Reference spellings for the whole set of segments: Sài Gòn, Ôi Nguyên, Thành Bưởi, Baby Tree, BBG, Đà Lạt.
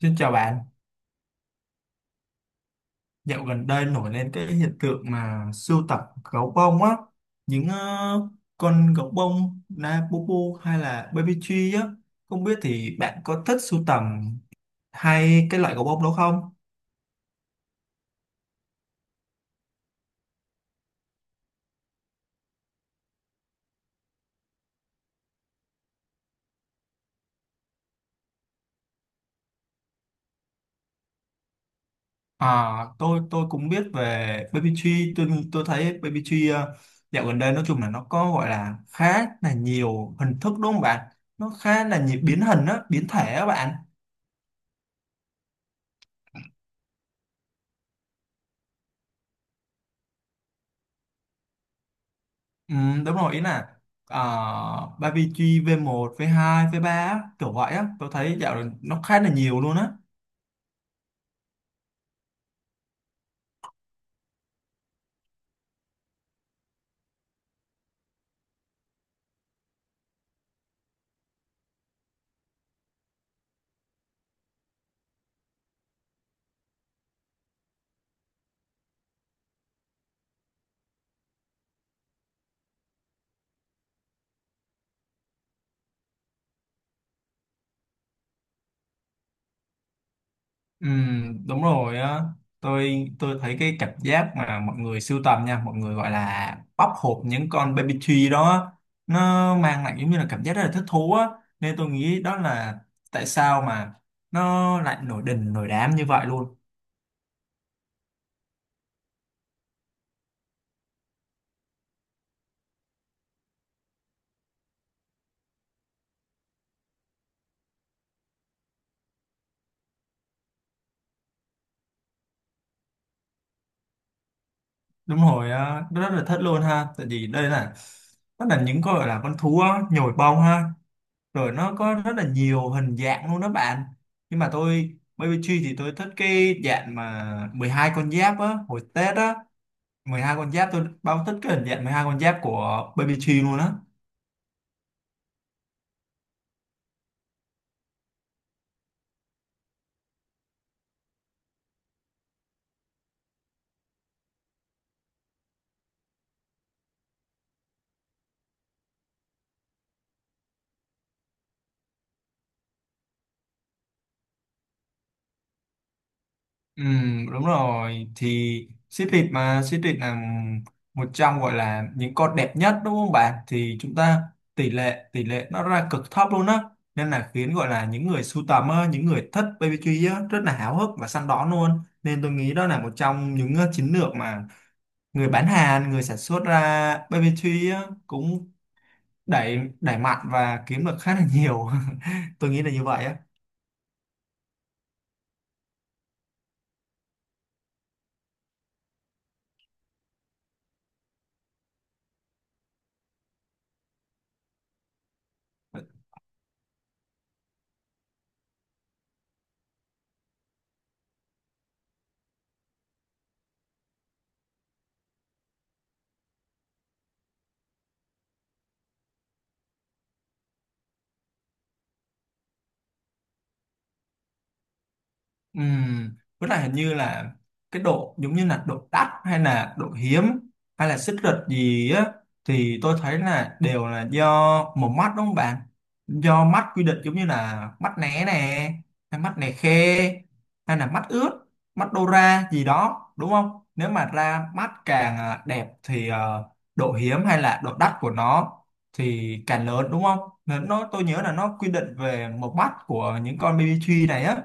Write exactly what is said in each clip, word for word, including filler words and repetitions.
Xin chào bạn, dạo gần đây nổi lên cái hiện tượng mà sưu tập gấu bông á, những ờ, con gấu bông na Bubu hay là Baby Tree á, không biết thì bạn có thích sưu tầm hay cái loại gấu bông đó không? À, tôi tôi cũng biết về Baby Tree. Tôi tôi thấy Baby Tree ờ, dạo gần đây nói chung là nó có gọi là khá là nhiều hình thức, đúng không bạn? Nó khá là nhiều biến hình á, biến thể á bạn. Ừ, đúng rồi, ý là à, bi bi gi v một v hai v ba á, kiểu vậy á. Tôi thấy dạo này nó khá là nhiều luôn á. Ừ, đúng rồi á. Tôi tôi thấy cái cảm giác mà mọi người sưu tầm nha, mọi người gọi là bóc hộp những con baby tree đó á, nó mang lại giống như là cảm giác rất là thích thú á, nên tôi nghĩ đó là tại sao mà nó lại nổi đình nổi đám như vậy luôn. Đúng rồi á, rất là thích luôn ha. Tại vì đây là nó là những con gọi là con thú á, nhồi bông ha, rồi nó có rất là nhiều hình dạng luôn đó bạn. Nhưng mà tôi bê bê Tree thì tôi thích cái dạng mà mười hai con giáp á, hồi Tết á. mười hai con giáp, tôi bao thích cái hình dạng mười hai con giáp của bê bê Tree luôn á. Ừ, đúng rồi thì xếp thịt, mà xếp thịt là một trong gọi là những con đẹp nhất đúng không bạn? Thì chúng ta tỷ lệ tỷ lệ nó ra cực thấp luôn á, nên là khiến gọi là những người sưu tầm á, những người thích bê bê quy á, rất là háo hức và săn đón luôn. Nên tôi nghĩ đó là một trong những ờ, chiến lược mà người bán hàng, người sản xuất ra bê bê quy á, cũng đẩy đẩy mạnh và kiếm được khá là nhiều. Tôi nghĩ là như vậy á. Ừm, với lại hình như là cái độ giống như là độ đắt hay là độ hiếm hay là xích rực gì á, thì tôi thấy là đều là do một mắt, đúng không bạn? Do mắt quy định, giống như là mắt né nè, hay mắt này khe, hay là mắt ướt, mắt đô ra gì đó, đúng không? Nếu mà ra mắt càng à, đẹp thì ờ, độ hiếm hay là độ đắt của nó thì càng lớn, đúng không? Nên nó tôi nhớ là nó quy định về một mắt của những con baby tree này á.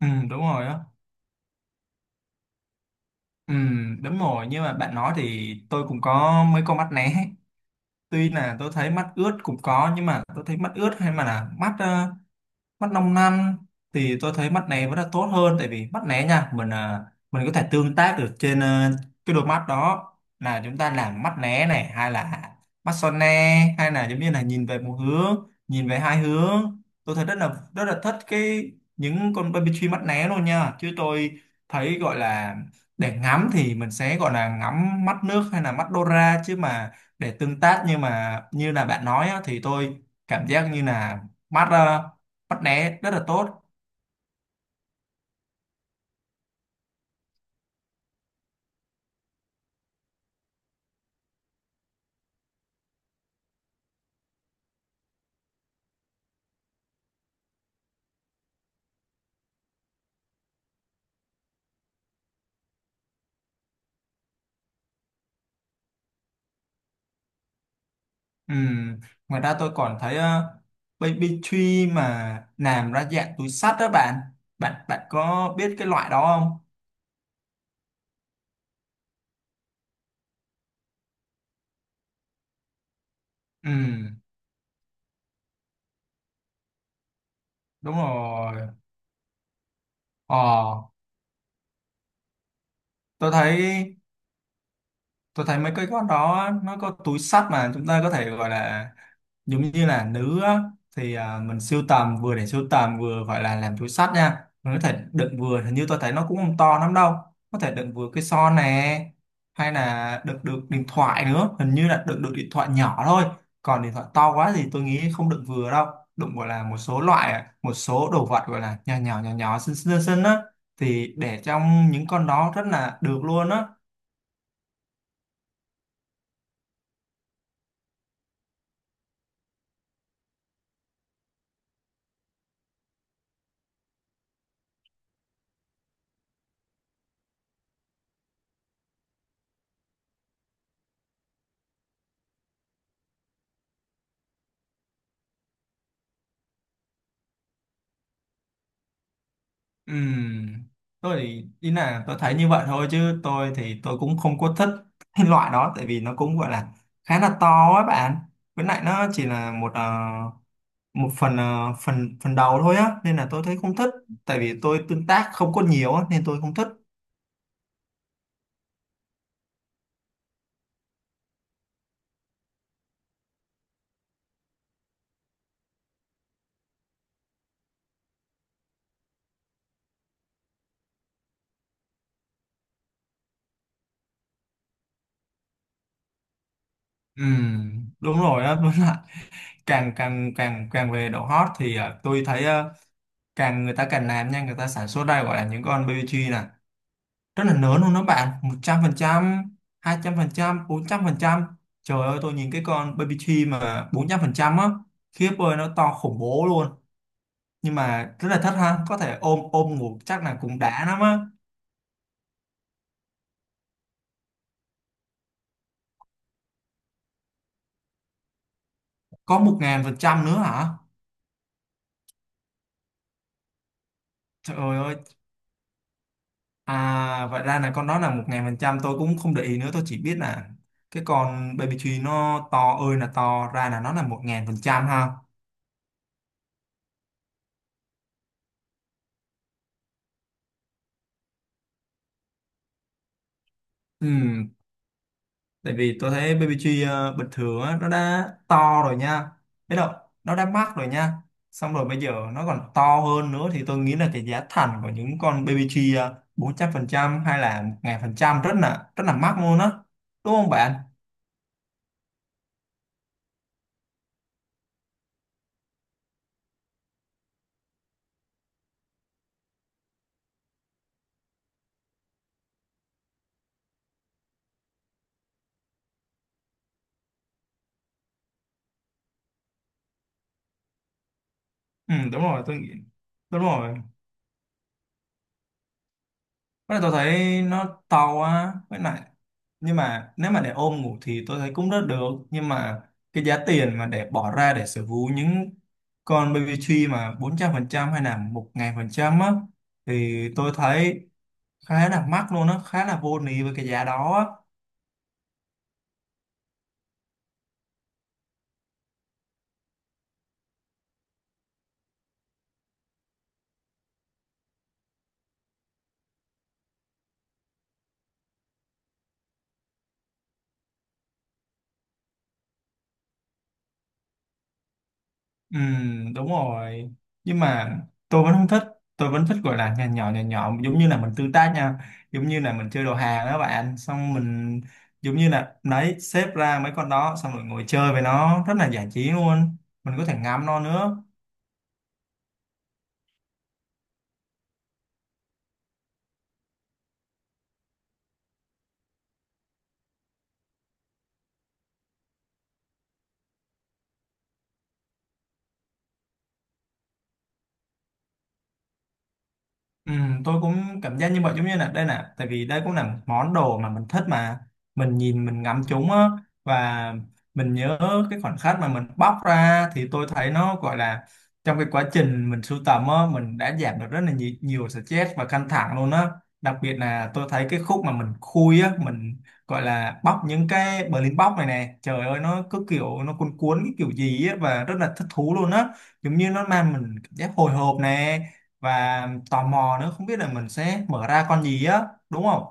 Ừ, đúng rồi á. Ừ, đúng rồi, nhưng mà bạn nói thì tôi cũng có mấy con mắt né. Tuy là tôi thấy mắt ướt cũng có, nhưng mà tôi thấy mắt ướt hay mà là mắt mắt 5 năm, thì tôi thấy mắt này vẫn là tốt hơn. Tại vì mắt né nha, mình à, mình có thể tương tác được trên ờ, cái đôi mắt đó, là chúng ta làm mắt né này, hay là mắt son ne, hay là giống như là nhìn về một hướng, nhìn về hai hướng. Tôi thấy rất là rất là thích cái những con baby tree mắt né luôn nha. Chứ tôi thấy gọi là để ngắm thì mình sẽ gọi là ngắm mắt nước hay là mắt Dora, chứ mà để tương tác, nhưng mà như là bạn nói á, thì tôi cảm giác như là mắt ờ, bắt né rất là tốt. Ừm, ngoài ra tôi còn thấy ờ, baby tree mà làm ra dạng túi xách đó bạn. Bạn bạn có biết cái loại đó không? Ừm, đúng rồi ờ, tôi thấy, tôi thấy mấy cái con đó nó có túi xách mà chúng ta có thể gọi là giống như là nữ á, thì à, mình sưu tầm vừa để sưu tầm, vừa gọi là làm túi xách nha. Mình có thể đựng vừa, hình như tôi thấy nó cũng không to lắm đâu, có thể đựng vừa cái son nè, hay là đựng được điện thoại nữa, hình như là đựng được điện thoại nhỏ thôi, còn điện thoại to quá thì tôi nghĩ không đựng vừa đâu. Đựng gọi là một số loại, một số đồ vật gọi là nhỏ nhỏ nhỏ nhỏ xinh xinh xinh á, thì để trong những con đó rất là được luôn á. Ừm, tôi thì ý là tôi thấy như vậy thôi, chứ tôi thì tôi cũng không có thích cái loại đó. Tại vì nó cũng gọi là khá là to á bạn, với lại nó chỉ là một ờ, một phần ờ, phần phần đầu thôi á, nên là tôi thấy không thích. Tại vì tôi tương tác không có nhiều á, nên tôi không thích. Ừm, đúng rồi á. Đúng là càng càng càng càng về độ hot thì ờ, tôi thấy ờ, càng người ta càng làm nha, người ta sản xuất ra gọi là những con bê bê quy rất là lớn luôn đó bạn. Một trăm trăm trăm, hai trăm phần phần hai, bốn trăm phần trăm. Trời ơi, tôi nhìn cái con baby tree mà bốn trăm phần trăm á, khiếp ơi nó to khủng bố luôn. Nhưng mà rất là thích ha, có thể ôm ôm ngủ chắc là cũng đã lắm á. Có một ngàn phần trăm nữa hả? Trời ơi, à vậy ra là con đó là một ngàn phần trăm. Tôi cũng không để ý nữa, tôi chỉ biết là cái con baby tree nó to ơi là to, ra là nó là một ngàn phần trăm ha. Ừ, tại vì tôi thấy bê bê giê ờ, bình thường á nó đã to rồi nha, biết không? Nó đã mắc rồi nha. Xong rồi bây giờ nó còn to hơn nữa, thì tôi nghĩ là cái giá thành của những con bi bi gi ờ, bốn trăm phần trăm hay là một ngàn phần trăm rất là rất là mắc luôn á, đúng không bạn? Ừ đúng rồi, tôi nghĩ đúng rồi. Với lại tôi thấy nó to quá, với lại nhưng mà nếu mà để ôm ngủ thì tôi thấy cũng rất được. Nhưng mà cái giá tiền mà để bỏ ra để sở hữu những con baby tree mà bốn trăm phần trăm hay là một ngàn phần trăm á, thì tôi thấy khá là mắc luôn á, khá là vô lý với cái giá đó á. Ừ, đúng rồi. Nhưng mà tôi vẫn không thích. Tôi vẫn thích gọi là nhà nhỏ nhà nhỏ, giống như là mình tương tác nha. Giống như là mình chơi đồ hàng đó bạn. Xong mình giống như là đấy xếp ra mấy con đó, xong rồi ngồi chơi với nó rất là giải trí luôn. Mình có thể ngắm nó nữa. Ừ, tôi cũng cảm giác như vậy, giống như là đây nè, tại vì đây cũng là món đồ mà mình thích mà mình nhìn mình ngắm chúng á. Và mình nhớ cái khoảnh khắc mà mình bóc ra thì tôi thấy nó gọi là, trong cái quá trình mình sưu tầm á, mình đã giảm được rất là nhiều, nhiều stress và căng thẳng luôn á. Đặc biệt là tôi thấy cái khúc mà mình khui á, mình gọi là bóc những cái Berlin box này nè, trời ơi nó cứ kiểu nó cuốn cuốn cái kiểu gì á, và rất là thích thú luôn á. Giống như nó mang mình cảm giác hồi hộp nè, và tò mò nữa, không biết là mình sẽ mở ra con gì á, đúng không?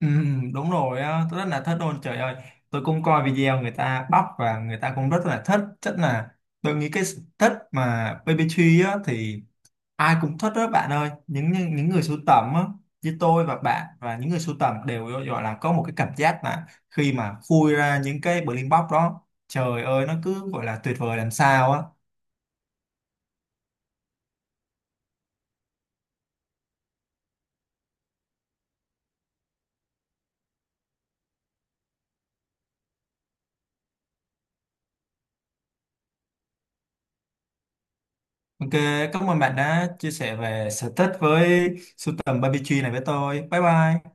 Ừ, đúng rồi á, tôi rất là thích luôn trời ơi. Tôi cũng coi video người ta bóc và người ta cũng rất là thích. Chắc là tôi nghĩ cái sở thích mà baby tree á thì ai cũng thích đó bạn ơi. Những những, những người sưu tầm á như tôi và bạn và những người sưu tầm đều gọi là có một cái cảm giác là khi mà khui ra những cái blind box đó, trời ơi nó cứ gọi là tuyệt vời làm sao á. Ok, cảm ơn bạn đã chia sẻ về sở thích với sưu tầm barbecue này với tôi. Bye bye.